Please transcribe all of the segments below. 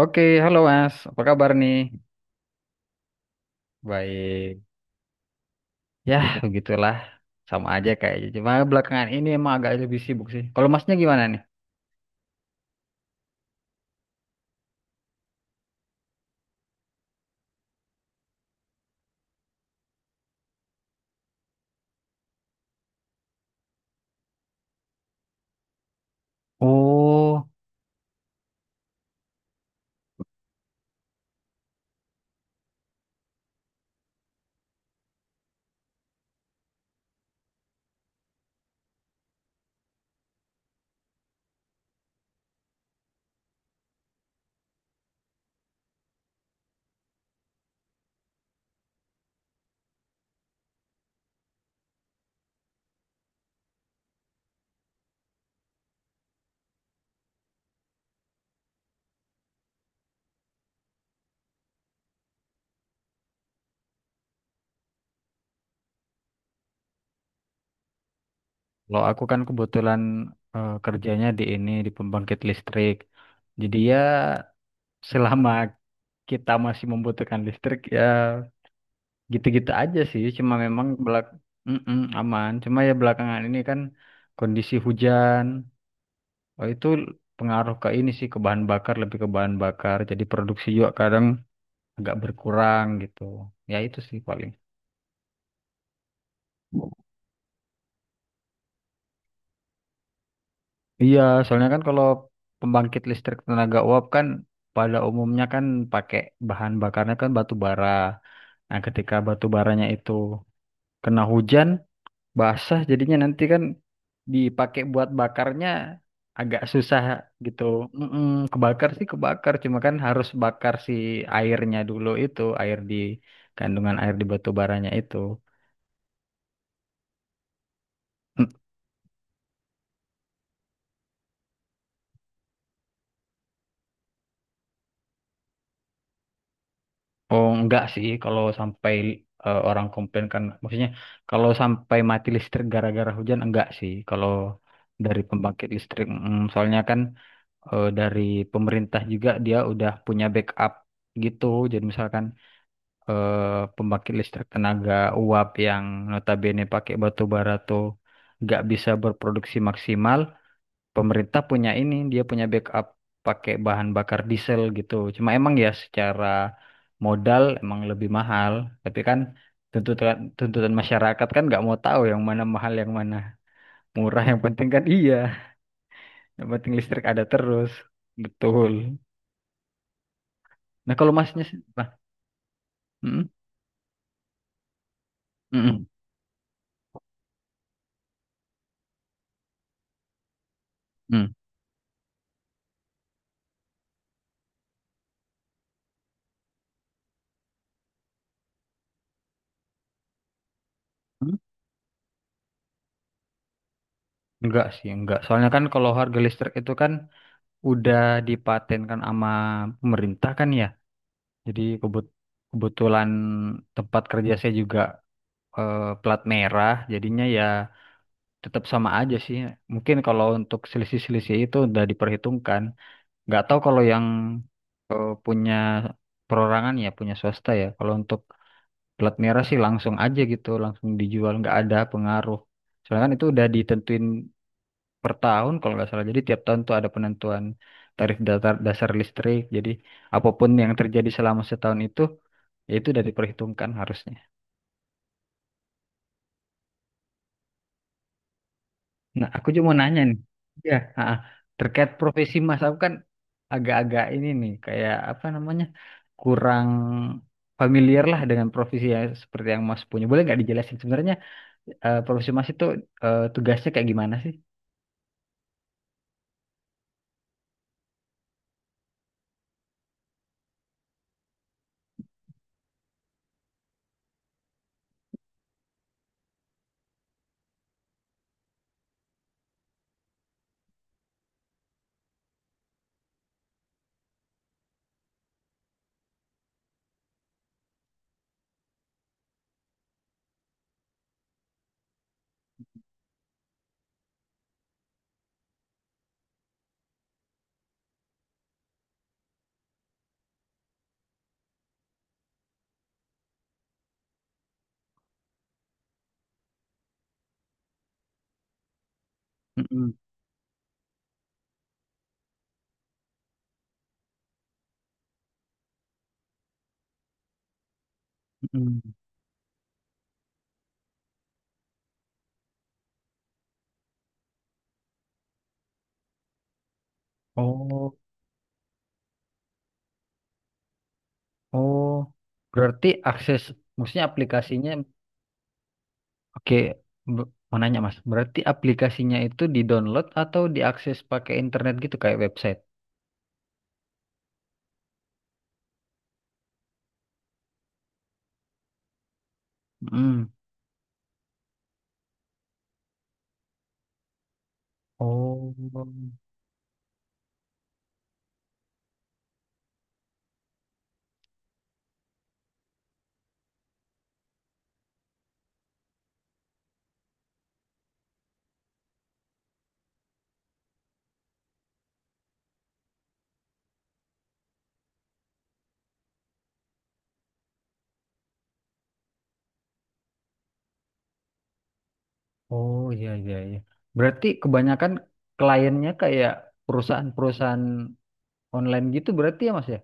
Oke, halo Mas. Apa kabar nih? Baik. Ya, begitulah. Sama aja kayaknya. Cuma belakangan ini emang agak lebih sibuk sih. Kalau Masnya gimana nih? Oh, kalau aku kan kebetulan kerjanya di ini, di pembangkit listrik. Jadi ya selama kita masih membutuhkan listrik ya gitu-gitu aja sih. Cuma memang Mm-mm, aman. Cuma ya belakangan ini kan kondisi hujan. Oh, itu pengaruh ke ini sih ke bahan bakar, lebih ke bahan bakar, jadi produksi juga kadang agak berkurang gitu, ya itu sih paling iya, soalnya kan kalau pembangkit listrik tenaga uap kan pada umumnya kan pakai, bahan bakarnya kan batu bara. Nah ketika batu baranya itu kena hujan, basah, jadinya nanti kan dipakai buat bakarnya agak susah gitu. Mm-mm, kebakar sih kebakar, cuma kan harus bakar si airnya dulu itu, air di, kandungan air di batu baranya itu. Mm, Oh enggak sih kalau sampai orang komplain, kan maksudnya kalau sampai mati listrik gara-gara hujan enggak sih, kalau dari pembangkit listrik soalnya kan dari pemerintah juga dia udah punya backup gitu. Jadi misalkan pembangkit listrik tenaga uap yang notabene pakai batu bara tuh nggak bisa berproduksi maksimal, pemerintah punya ini, dia punya backup pakai bahan bakar diesel gitu. Cuma emang ya secara modal emang lebih mahal, tapi kan tuntutan tuntutan masyarakat kan nggak mau tahu yang mana mahal yang mana murah, yang penting kan iya, yang penting listrik ada terus. Betul. Nah, kalau masnya, se- Bah, mm, mm, mm, mm. Enggak sih, enggak. Soalnya kan kalau harga listrik itu kan udah dipatenkan sama pemerintah kan ya. Jadi kebetulan tempat kerja saya juga plat merah, jadinya ya tetap sama aja sih. Mungkin kalau untuk selisih-selisih itu udah diperhitungkan. Nggak tahu kalau yang punya perorangan ya, punya swasta ya. Kalau untuk plat merah sih langsung aja gitu, langsung dijual, nggak ada pengaruh. Soalnya kan itu udah ditentuin per tahun kalau nggak salah. Jadi tiap tahun tuh ada penentuan tarif datar, dasar listrik. Jadi apapun yang terjadi selama setahun itu, ya itu udah diperhitungkan harusnya. Nah, aku cuma mau nanya nih. Ya, terkait profesi Mas, aku kan agak-agak ini nih, kayak apa namanya, kurang familiar lah dengan profesi yang seperti yang Mas punya. Boleh nggak dijelasin sebenarnya profesi Mas itu tugasnya kayak gimana sih? Mm-mm, mm-mm. Oh, oh, berarti akses, maksudnya aplikasinya, oke, mau nanya mas, berarti aplikasinya itu di-download atau diakses pakai internet gitu kayak website? Hmm. Oh, oh iya iya iya. Berarti kebanyakan kliennya kayak perusahaan-perusahaan online gitu berarti ya mas ya?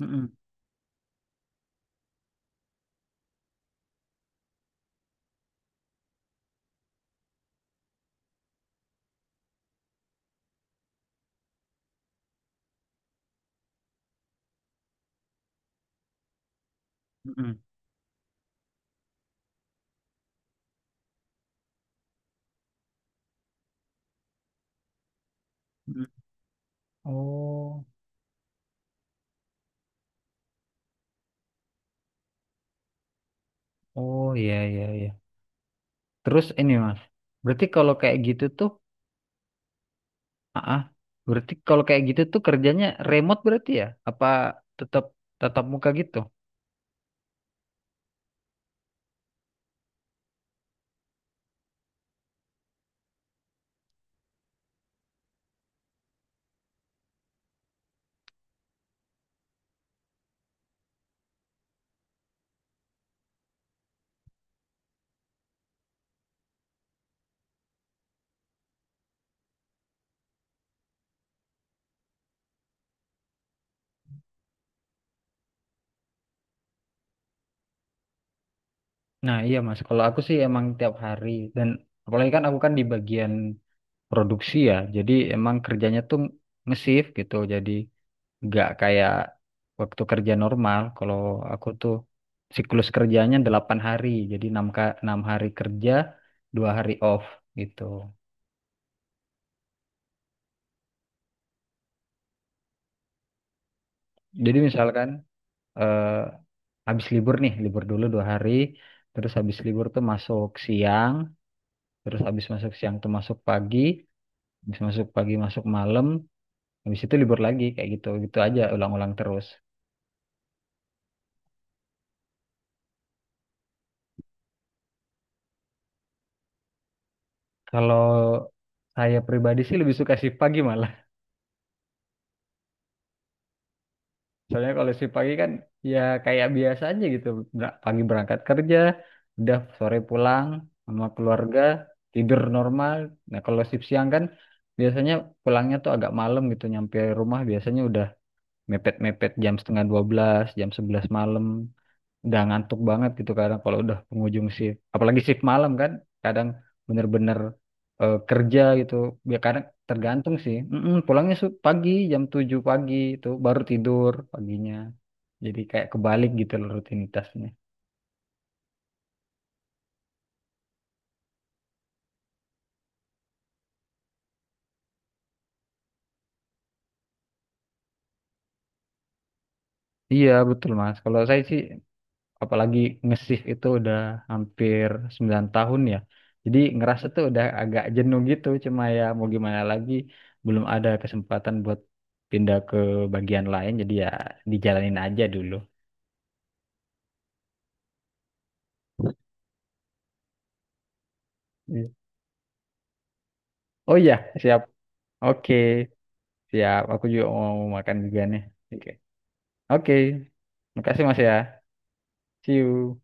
Mm-mm, mm-mm, mm-mm. Oh, oh iya iya iya. Terus ini mas, berarti kalau kayak gitu tuh Ah, berarti kalau kayak gitu tuh kerjanya remote berarti ya? Apa tetap tatap muka gitu? Nah, iya Mas, kalau aku sih emang tiap hari dan apalagi kan aku kan di bagian produksi ya. Jadi emang kerjanya tuh nge-shift gitu. Jadi nggak kayak waktu kerja normal. Kalau aku tuh siklus kerjanya 8 hari. Jadi 6 hari kerja, 2 hari off gitu. Jadi misalkan eh habis libur nih, libur dulu 2 hari, terus habis libur tuh masuk siang, terus habis masuk siang tuh masuk pagi, habis masuk pagi masuk malam, habis itu libur lagi kayak gitu, gitu aja ulang-ulang terus. Kalau saya pribadi sih lebih suka shift pagi malah. Soalnya kalau shift pagi kan ya kayak biasa aja gitu, pagi berangkat kerja, udah sore pulang sama keluarga, tidur normal. Nah, kalau shift siang kan biasanya pulangnya tuh agak malam gitu, nyampe rumah biasanya udah mepet-mepet jam setengah 12, jam 11 malam, udah ngantuk banget gitu kadang kalau udah penghujung shift. Apalagi shift malam kan, kadang bener-bener kerja gitu. Ya kadang tergantung sih. Mm-mm, pulangnya pagi, jam 7 pagi itu baru tidur paginya. Jadi kayak kebalik gitu loh rutinitasnya. Iya betul Mas. Kalau saya sih apalagi nge-shift itu udah hampir 9 tahun ya. Jadi ngerasa tuh udah agak jenuh gitu, cuma ya mau gimana lagi belum ada kesempatan buat pindah ke bagian lain jadi ya dijalanin aja dulu. Iya. Oh iya, siap. Oke, siap. Aku juga mau makan juga nih. Oke. Oke. Makasih Mas ya. See you.